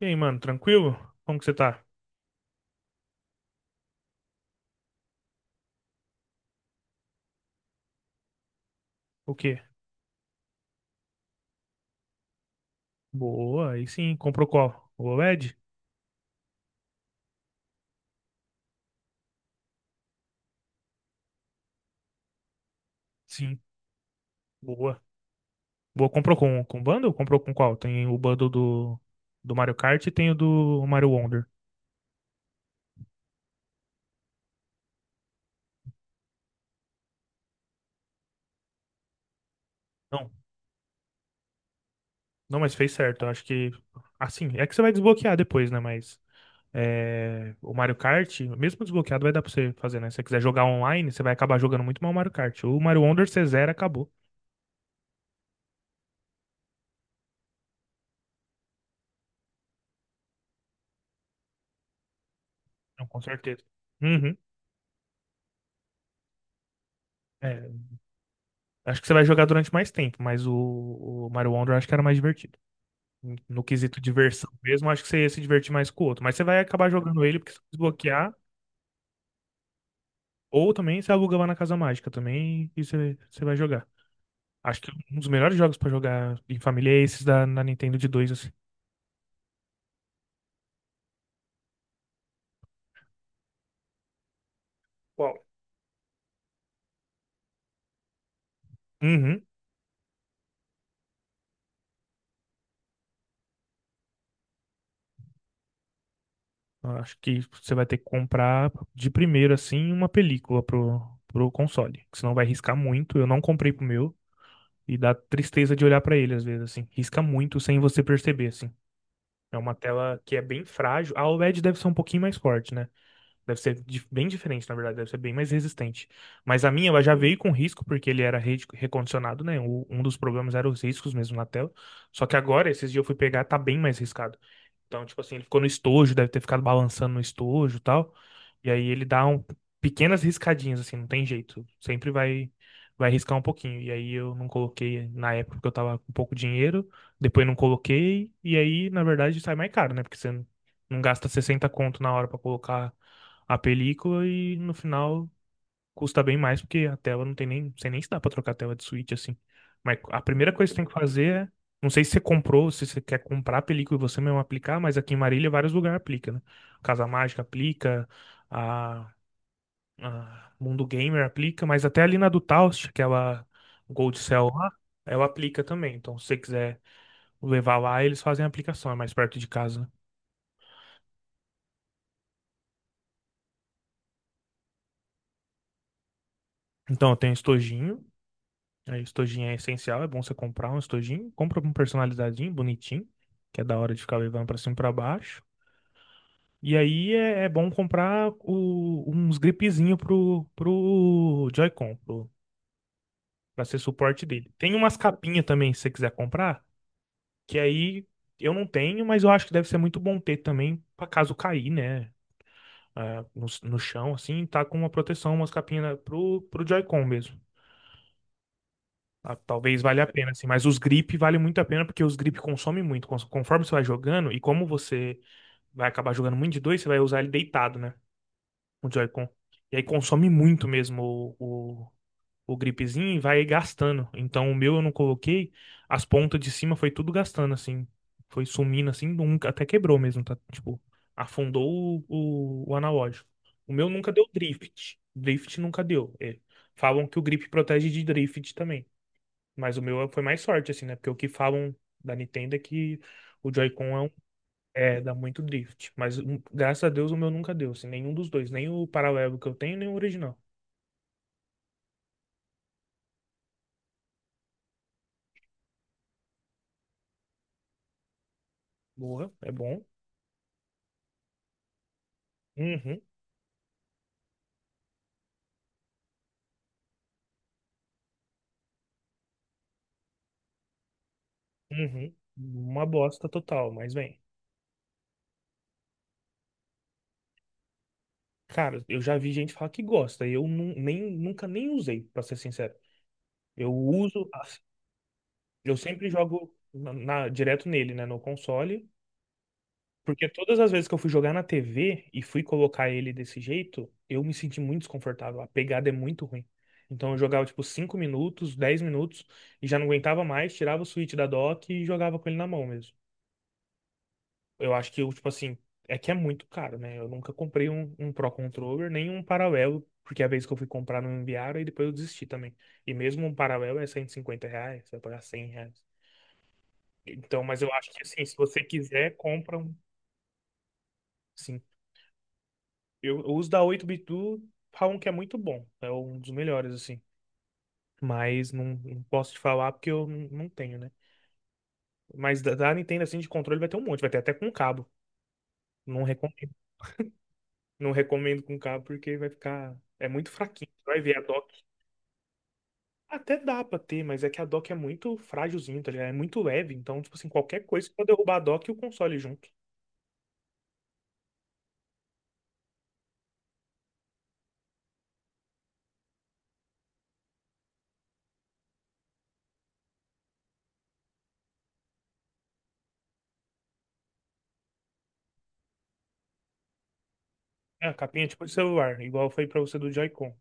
E aí, mano, tranquilo? Como que você tá? O quê? Boa, aí sim. Comprou qual? O OLED? Sim. Boa. Boa, comprou com bundle? Comprou com qual? Tem o bundle do Mario Kart e tem o do Mario Wonder. Não, não, mas fez certo. Eu acho que. Assim, é que você vai desbloquear depois, né? Mas. É, o Mario Kart, mesmo desbloqueado, vai dar pra você fazer, né? Se você quiser jogar online, você vai acabar jogando muito mal o Mario Kart. O Mario Wonder, você zera, acabou. Não, com certeza. Uhum. É, acho que você vai jogar durante mais tempo, mas o Mario Wonder acho que era mais divertido. No quesito diversão mesmo, acho que você ia se divertir mais com o outro. Mas você vai acabar jogando ele porque você vai desbloquear, ou também você aluga lá na Casa Mágica também e você vai jogar. Acho que um dos melhores jogos pra jogar em família é esses na Nintendo de dois. Assim. Qual? Uhum. Acho que você vai ter que comprar de primeiro, assim, uma película pro console. Que senão vai riscar muito. Eu não comprei pro meu. E dá tristeza de olhar pra ele, às vezes, assim. Risca muito sem você perceber, assim. É uma tela que é bem frágil. A OLED deve ser um pouquinho mais forte, né? Deve ser bem diferente, na verdade, deve ser bem mais resistente. Mas a minha, ela já veio com risco, porque ele era recondicionado, né? Um dos problemas eram os riscos mesmo na tela. Só que agora, esses dias eu fui pegar, tá bem mais riscado. Então, tipo assim, ele ficou no estojo, deve ter ficado balançando no estojo e tal. E aí ele dá pequenas riscadinhas, assim, não tem jeito. Sempre vai riscar um pouquinho. E aí eu não coloquei na época porque eu tava com pouco dinheiro, depois não coloquei, e aí, na verdade, sai mais caro, né? Porque você não gasta 60 conto na hora pra colocar a película e no final custa bem mais porque a tela não tem nem, não sei nem se dá pra trocar a tela de Switch assim. Mas a primeira coisa que você tem que fazer é, não sei se você comprou, se você quer comprar a película e você mesmo aplicar, mas aqui em Marília vários lugares aplica, né? Casa Mágica aplica, a, a Mundo Gamer aplica, mas até ali na do Taust, aquela Gold Cell lá, ela aplica também. Então se você quiser levar lá, eles fazem a aplicação, é mais perto de casa. Então eu tenho estojinho. Aí, estojinho é essencial, é bom você comprar um estojinho. Compra um personalizadinho, bonitinho, que é da hora de ficar levando pra cima e pra baixo. E aí é bom comprar uns gripezinho pro Joy-Con, pro, pra ser suporte dele. Tem umas capinhas também, se você quiser comprar, que aí eu não tenho, mas eu acho que deve ser muito bom ter também, pra caso cair, né? Ah, no chão, assim, tá com uma proteção, umas capinhas pro Joy-Con mesmo. Ah, talvez valha a pena, assim, mas os grip vale muito a pena porque os grip consomem muito. Conforme você vai jogando, e como você vai acabar jogando muito de dois, você vai usar ele deitado, né? O Joy-Con. E aí consome muito mesmo o, o gripzinho e vai gastando. Então o meu eu não coloquei, as pontas de cima foi tudo gastando, assim. Foi sumindo, assim, nunca, até quebrou mesmo, tá? Tipo, afundou o analógico. O meu nunca deu drift. Drift nunca deu. É, falam que o grip protege de drift também. Mas o meu foi mais sorte, assim, né? Porque o que falam da Nintendo é que o Joy-Con é, é, dá muito drift. Mas graças a Deus o meu nunca deu, assim, nenhum dos dois. Nem o paralelo que eu tenho, nem o original. Boa, é bom. Uhum, uhum. Uma bosta total, mas bem. Cara, eu já vi gente falar que gosta. E eu nem, nunca nem usei, pra ser sincero. Eu uso, eu sempre jogo direto nele, né? No console. Porque todas as vezes que eu fui jogar na TV e fui colocar ele desse jeito, eu me senti muito desconfortável. A pegada é muito ruim. Então eu jogava tipo 5 minutos, 10 minutos e já não aguentava mais, tirava o switch da dock e jogava com ele na mão mesmo. Eu acho que eu, tipo assim, é que é muito caro, né? Eu nunca comprei um Pro Controller, nem um Paralelo, porque a vez que eu fui comprar não me enviaram e depois eu desisti também. E mesmo um Paralelo é R$ 150, você vai pagar R$ 100. Então, mas eu acho que assim, se você quiser, compra um. Sim. Eu uso da oito bit do falam que é muito bom. É um dos melhores, assim. Mas não posso te falar porque eu não tenho, né? Mas da Nintendo, assim, de controle vai ter um monte. Vai ter até com cabo. Não recomendo. Não recomendo com cabo porque vai ficar... É muito fraquinho. Você vai ver a dock. Até dá pra ter, mas é que a dock é muito frágilzinho, tá ligado? É muito leve. Então, tipo assim, qualquer coisa, você pode derrubar a dock e o console junto. É, a capinha tipo de celular, igual foi pra você do Joy-Con.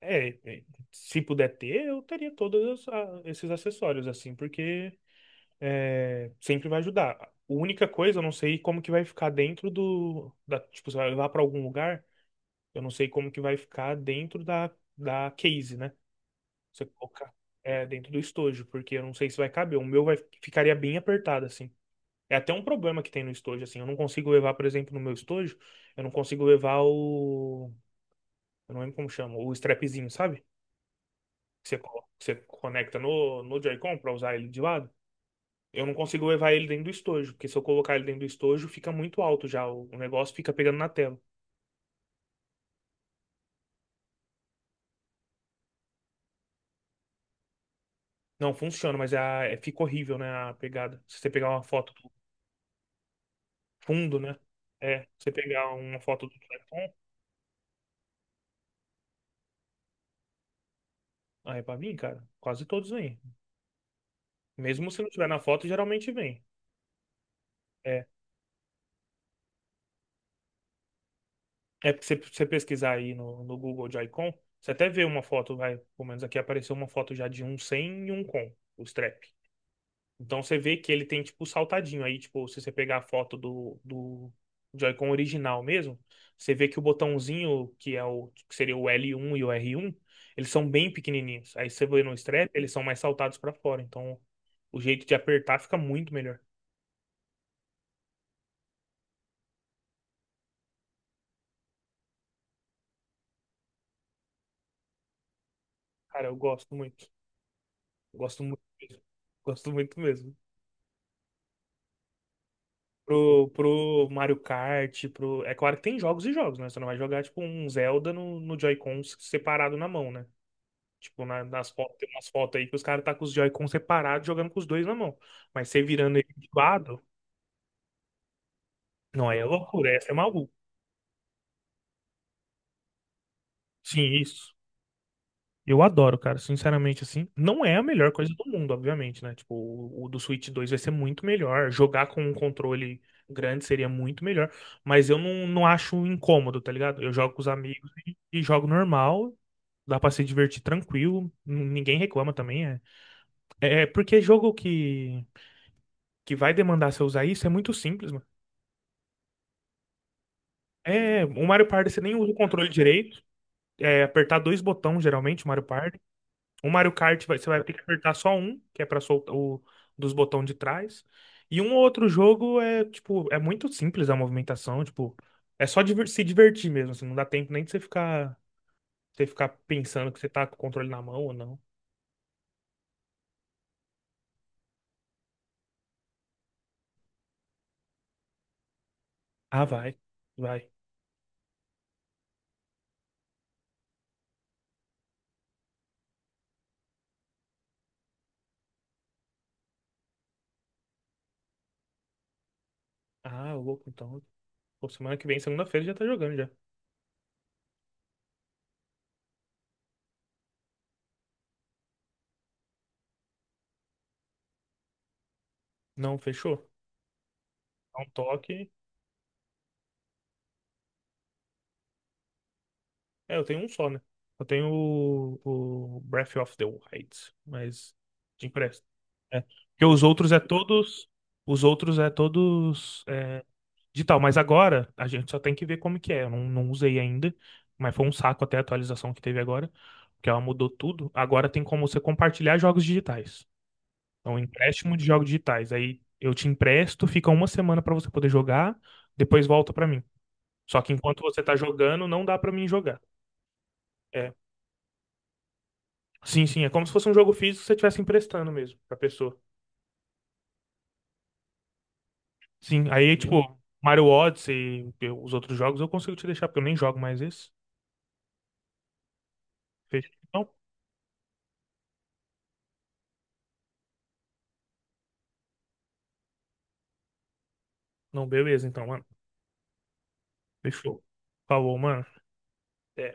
É, se puder ter, eu teria todos esses acessórios, assim, porque é, sempre vai ajudar. A única coisa, eu não sei como que vai ficar dentro da, tipo, você vai levar para algum lugar, eu não sei como que vai ficar dentro da case, né? Você colocar é, dentro do estojo, porque eu não sei se vai caber. O meu vai, ficaria bem apertado, assim. É até um problema que tem no estojo, assim. Eu não consigo levar, por exemplo, no meu estojo, eu não consigo levar o, eu não lembro como chama, o strapzinho, sabe? Que você, que você conecta no Joy-Con para usar ele de lado. Eu não consigo levar ele dentro do estojo, porque se eu colocar ele dentro do estojo, fica muito alto já. O negócio fica pegando na tela. Não funciona, mas fica horrível, né? A pegada. Se você pegar uma foto do fundo, né? É, se você pegar uma foto do telefone, ah, é pra vir, cara. Quase todos vêm. Mesmo se não tiver na foto, geralmente vem. É, é porque se você pesquisar aí no Google de Icon, você até vê uma foto, vai. Pelo menos aqui apareceu uma foto já de um sem e um com, os trap. Então você vê que ele tem tipo o saltadinho. Aí, tipo, se você pegar a foto do Joy-Con original mesmo, você vê que o botãozinho, que é o que seria o L1 e o R1, eles são bem pequenininhos. Aí você vê no strap, eles são mais saltados pra fora. Então o jeito de apertar fica muito melhor. Cara, eu gosto muito. Gosto muito mesmo. Gosto muito mesmo. Pro Mario Kart, pro. É claro que tem jogos e jogos, né? Você não vai jogar, tipo, um Zelda no Joy-Con separado na mão, né? Tipo, nas fotos, tem umas fotos aí que os caras tá com os Joy-Con separados, jogando com os dois na mão. Mas você virando ele de lado, não é loucura, essa é maluco. Sim, isso. Eu adoro, cara, sinceramente, assim. Não é a melhor coisa do mundo, obviamente, né? Tipo, o do Switch 2 vai ser muito melhor. Jogar com um controle grande seria muito melhor. Mas eu não acho incômodo, tá ligado? Eu jogo com os amigos e jogo normal. Dá pra se divertir tranquilo. Ninguém reclama também, é. É porque jogo que vai demandar você usar isso é muito simples, mano. É, o Mario Party você nem usa o controle direito. É apertar dois botões, geralmente, o Mario Party. O Mario Kart você vai ter que apertar só um, que é pra soltar o dos botões de trás. E um ou outro jogo é, tipo, é muito simples a movimentação, tipo, é só se divertir mesmo, assim, não dá tempo nem de você ficar pensando que você tá com o controle na mão ou não. Ah, vai. Vai. Ah, louco, então. Pô, semana que vem, segunda-feira, já tá jogando já. Não, fechou. Dá um toque. É, eu tenho um só, né? Eu tenho o Breath of the Wild, mas de empréstimo. É. Porque os outros é todos. Os outros é todos é, digital. Mas agora a gente só tem que ver como que é. Eu não usei ainda, mas foi um saco até a atualização que teve agora, porque ela mudou tudo. Agora tem como você compartilhar jogos digitais. Então, empréstimo de jogos digitais. Aí eu te empresto, fica uma semana pra você poder jogar, depois volta pra mim. Só que enquanto você tá jogando, não dá pra mim jogar. É, sim, sim, é como se fosse um jogo físico que você estivesse emprestando mesmo pra pessoa. Sim, aí, tipo, Mario Odyssey e os outros jogos eu consigo te deixar, porque eu nem jogo mais esse. Fechou? Não, não, beleza, então, mano. Fechou. Falou, mano. Até.